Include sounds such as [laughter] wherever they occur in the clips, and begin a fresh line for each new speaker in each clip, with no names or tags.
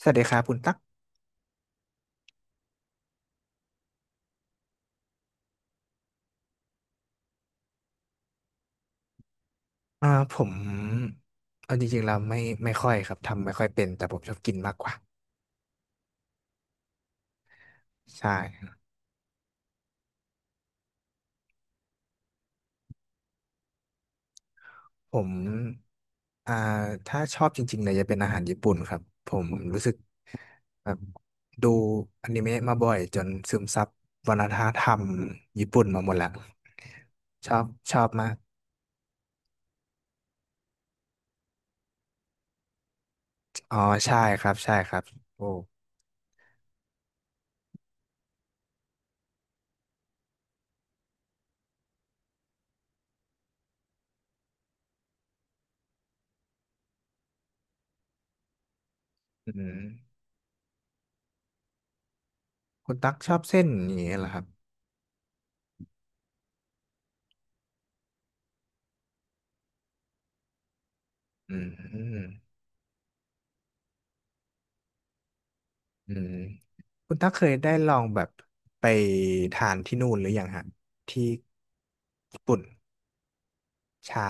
สวัสดีครับคุณตั๊กอ่าผมเอาจริงๆเราไม่ค่อยครับทำไม่ค่อยเป็นแต่ผมชอบกินมากกว่าใช่ผมอ่าถ้าชอบจริงๆเลยจะเป็นอาหารญี่ปุ่นครับผมรู้สึกแบบดูอนิเมะมาบ่อยจนซึมซับวัฒนธรรมญี่ปุ่นมาหมดแล้วชอบชอบมากอ๋อใช่ครับใช่ครับโอ้อืมคุณตั๊กชอบเส้นอย่างนี้เหรอครับอืมอืม คุณตั๊กเคยได้ลองแบบไปทานที่นู่นหรือยังฮะที่ญี่ปุ่นใช่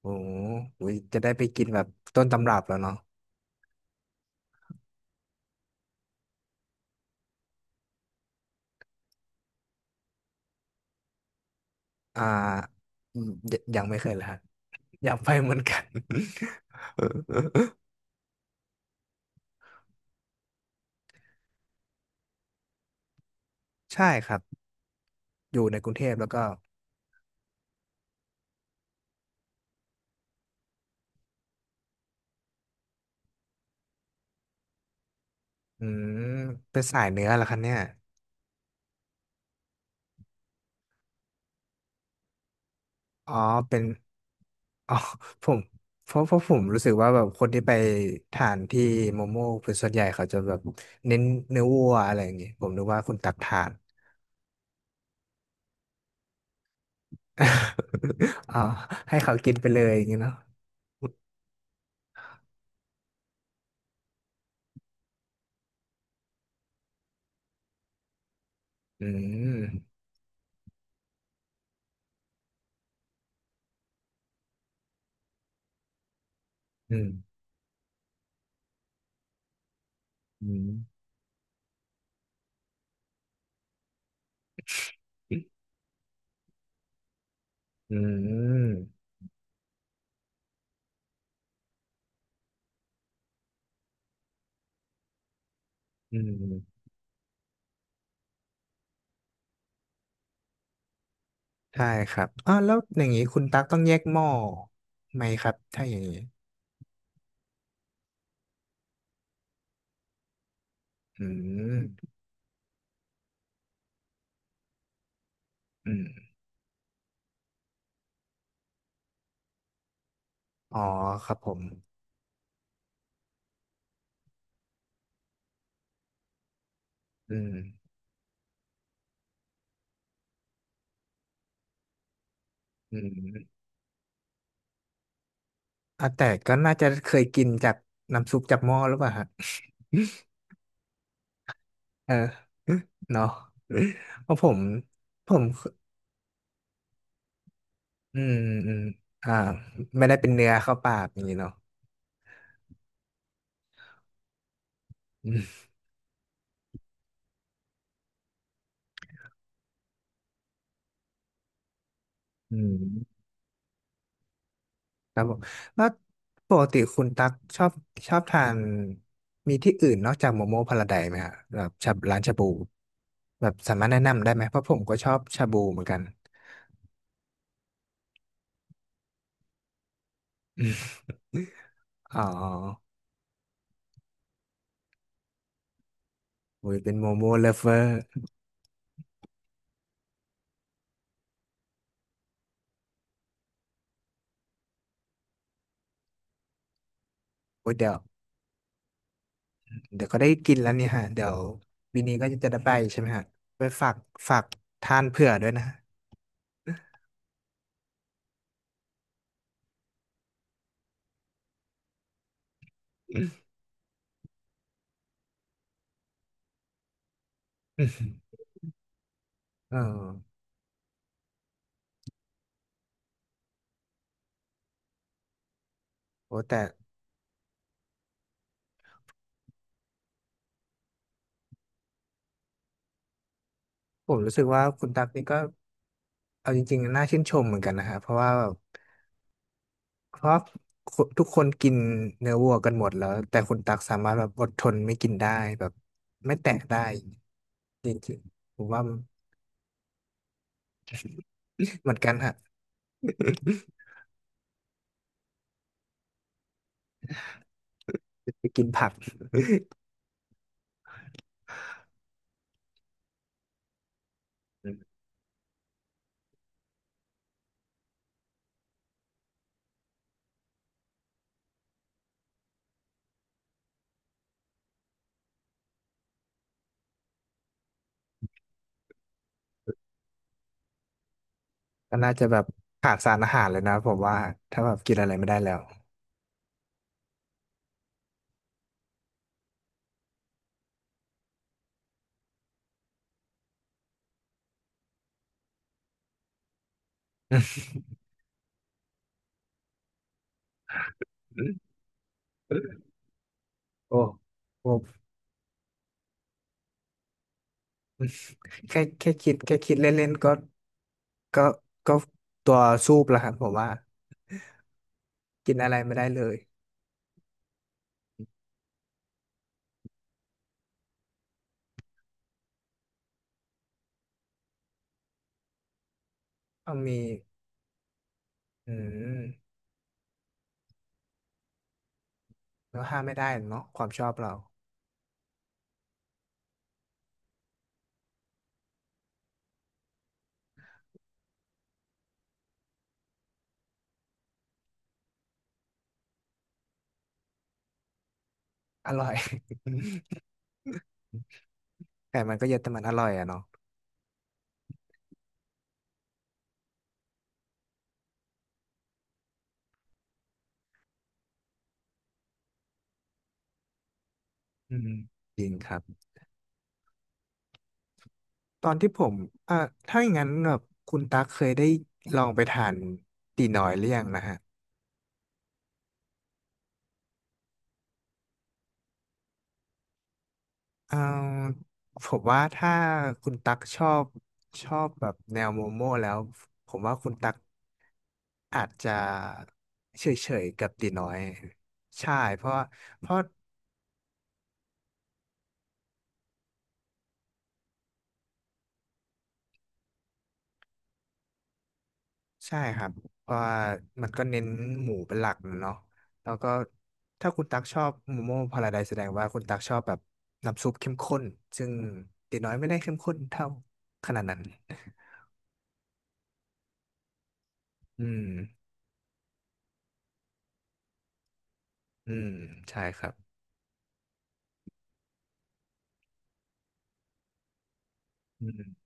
โอ้โหจะได้ไปกินแบบต้นตำรับแล้วเนาะอ่าอืมยยังไม่เคยเลยฮะอยากไปเหมือนกัน [laughs] ใช่ครับอยู่ในกรุงเทพแล้วก็อืมเป็นสายเนื้อเหรอคะเนี่ยอ๋อเป็น อ๋อผมเพราะผมรู้สึกว่าแบบคนที่ไปทานที่โมโม่เป็นส่วนใหญ่เขาจะแบบเน้นเนื้อวัวอะไรอย่างงี้ผมนึกว่าคุณตักทาน [laughs] อ๋อให้เขากินไปเลยอย่างงี้เนาะอืมอืมอืมอืมอืมใช่ครับอ๋อแล้วอย่างงี้คุณตักต้องแยกหม้อไหมครับถ้าอย่างงี้อืมอืมอ๋อครับผมอืมอืม อ่ะแต่ก็น่าจะเคยกินจากน้ำซุปจากหม้อหรือเปล่าฮะ [laughs] เออเนาะเพราะผมอืมอืมอ่าไม่ได้เป็นเนื้อเข้าปากอย่างนี้เนาะอืมอืมครับผมแล้วปกติคุณตักชอบชอบทานมีที่อื่นนอกจากโมโมพาราไดซ์ไหมฮะแบบชาร้านชาบูแบบสามารถแนะนำได้ไหมเพราะผมก็ชอบชาบูเหมือนกันอ๋อโอ้ยเป็นโมโมเลิฟเวอร์โอ้ยเดี๋ยว เดี๋ยวก็ได้กินแล้วเนี่ยฮะเดี๋ยววินนี้ก็จะได้ไปใช่ไหมฮะไปฝากทานเผื่อด้วยนะฮะอืมเออโอ้แต่ผมรู้สึกว่าคุณตั๊กนี่ก็เอาจริงๆน่าชื่นชมเหมือนกันนะฮะเพราะว่าแบบเพราะคนทุกคนกินเนื้อวัวกันหมดแล้วแต่คุณตั๊กสามารถแบบอดทนไม่กินได้แบบไม่แตะได้จริงๆผมว่ามัน [laughs] เหมือนกันฮะ [laughs] ไปกินผักก็น่าจะแบบขาดสารอาหารเลยนะผมว่าถ้าแบบกินอะไรไม่ได้แล้วโอ้โอ้ แค่คิดคิดเล่นๆก็ก็ก็ตัวซูบแล้วครับผมว่ากินอะไรไม่ได้เลยเอามีอืมแล้วห้ามไม่ได้เนาะความชอบเราอร่อย [laughs] แต่มันก็เยอะแต่มันอร่อยอะเนาะอืมจริงครับตอนที่ผมอ่าถ้าอย่างนั้นแบบคุณตั๊กเคยได้ลองไปทานตีน้อยหรือยังนะฮะเอ่ผมว่าถ้าคุณตั๊กชอบแบบแนวโมโม่แล้วผมว่าคุณตั๊ก อาจจะเฉยๆกับตีน้อยใช่เพราะใช่ครับเพราะว่ามันก็เน้นหมูเป็นหลักเนาะแล้วก็ถ้าคุณตักชอบโมโม่พาราไดซ์แสดงว่าคุณตักชอบแบบน้ำซุปเข้มข้นซึ่งตีน้อยไม่ได้เข้มข้นเท่าขนาดนั้นอืมอืมใช่ครับอืม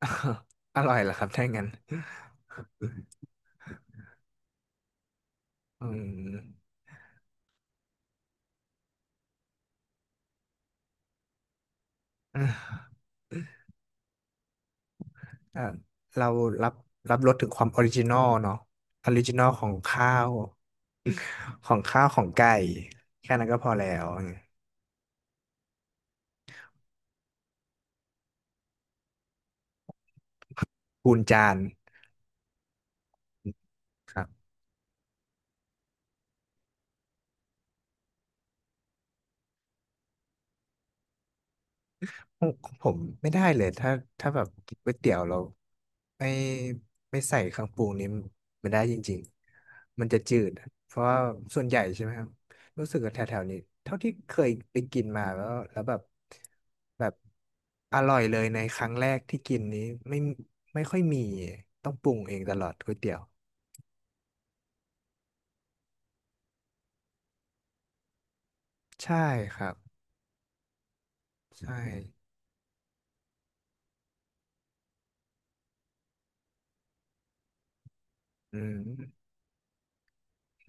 [laughs] อร่อยเหรอครับถ้างั้นอืม อ่าเรารับรับรสถึงความออริจินอลเนาะออริจินอลของข้าวของข้าวของไก่แค่นั้นก็พอแล้วคูณจานครับ ผมผมไม่ได้เลยถ้าแบบกินก๋วยเตี๋ยวเราไม่ไม่ใส่เครื่องปรุงนี้มันได้จริงๆมันจะจืดเพราะว่าส่วนใหญ่ใช่ไหมครับรู้สึกว่าแถวๆนี้เท่าที่เคยไปกินมาแล้วแล้วแบบแบบอร่อยเลยในครั้งแรกที่กินนี้ไม่ไม่ค่อยมีต้องปรุงเองตลอดก๋วยเตี๋ยวใช่ครับใช่อืม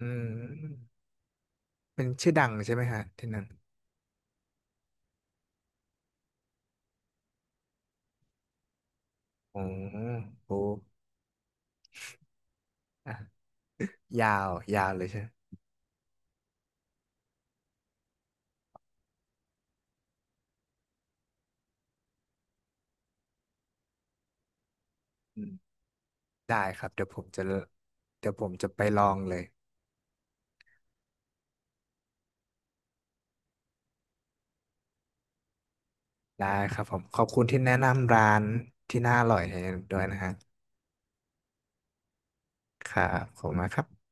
อืมเป็นชื่อดังใช่ไหมฮะที่นั่นโอ้โห ยาวยาวเลยใช่ไหมอืมได้ครับเดี๋ยวผมจะเดี๋ยวผมจะไปลองเลยได้ครับผมขอบคุณที่แนะนำร้านที่น่าอร่อยให้ด้วยนะฮะครับขอบคุณมากครับ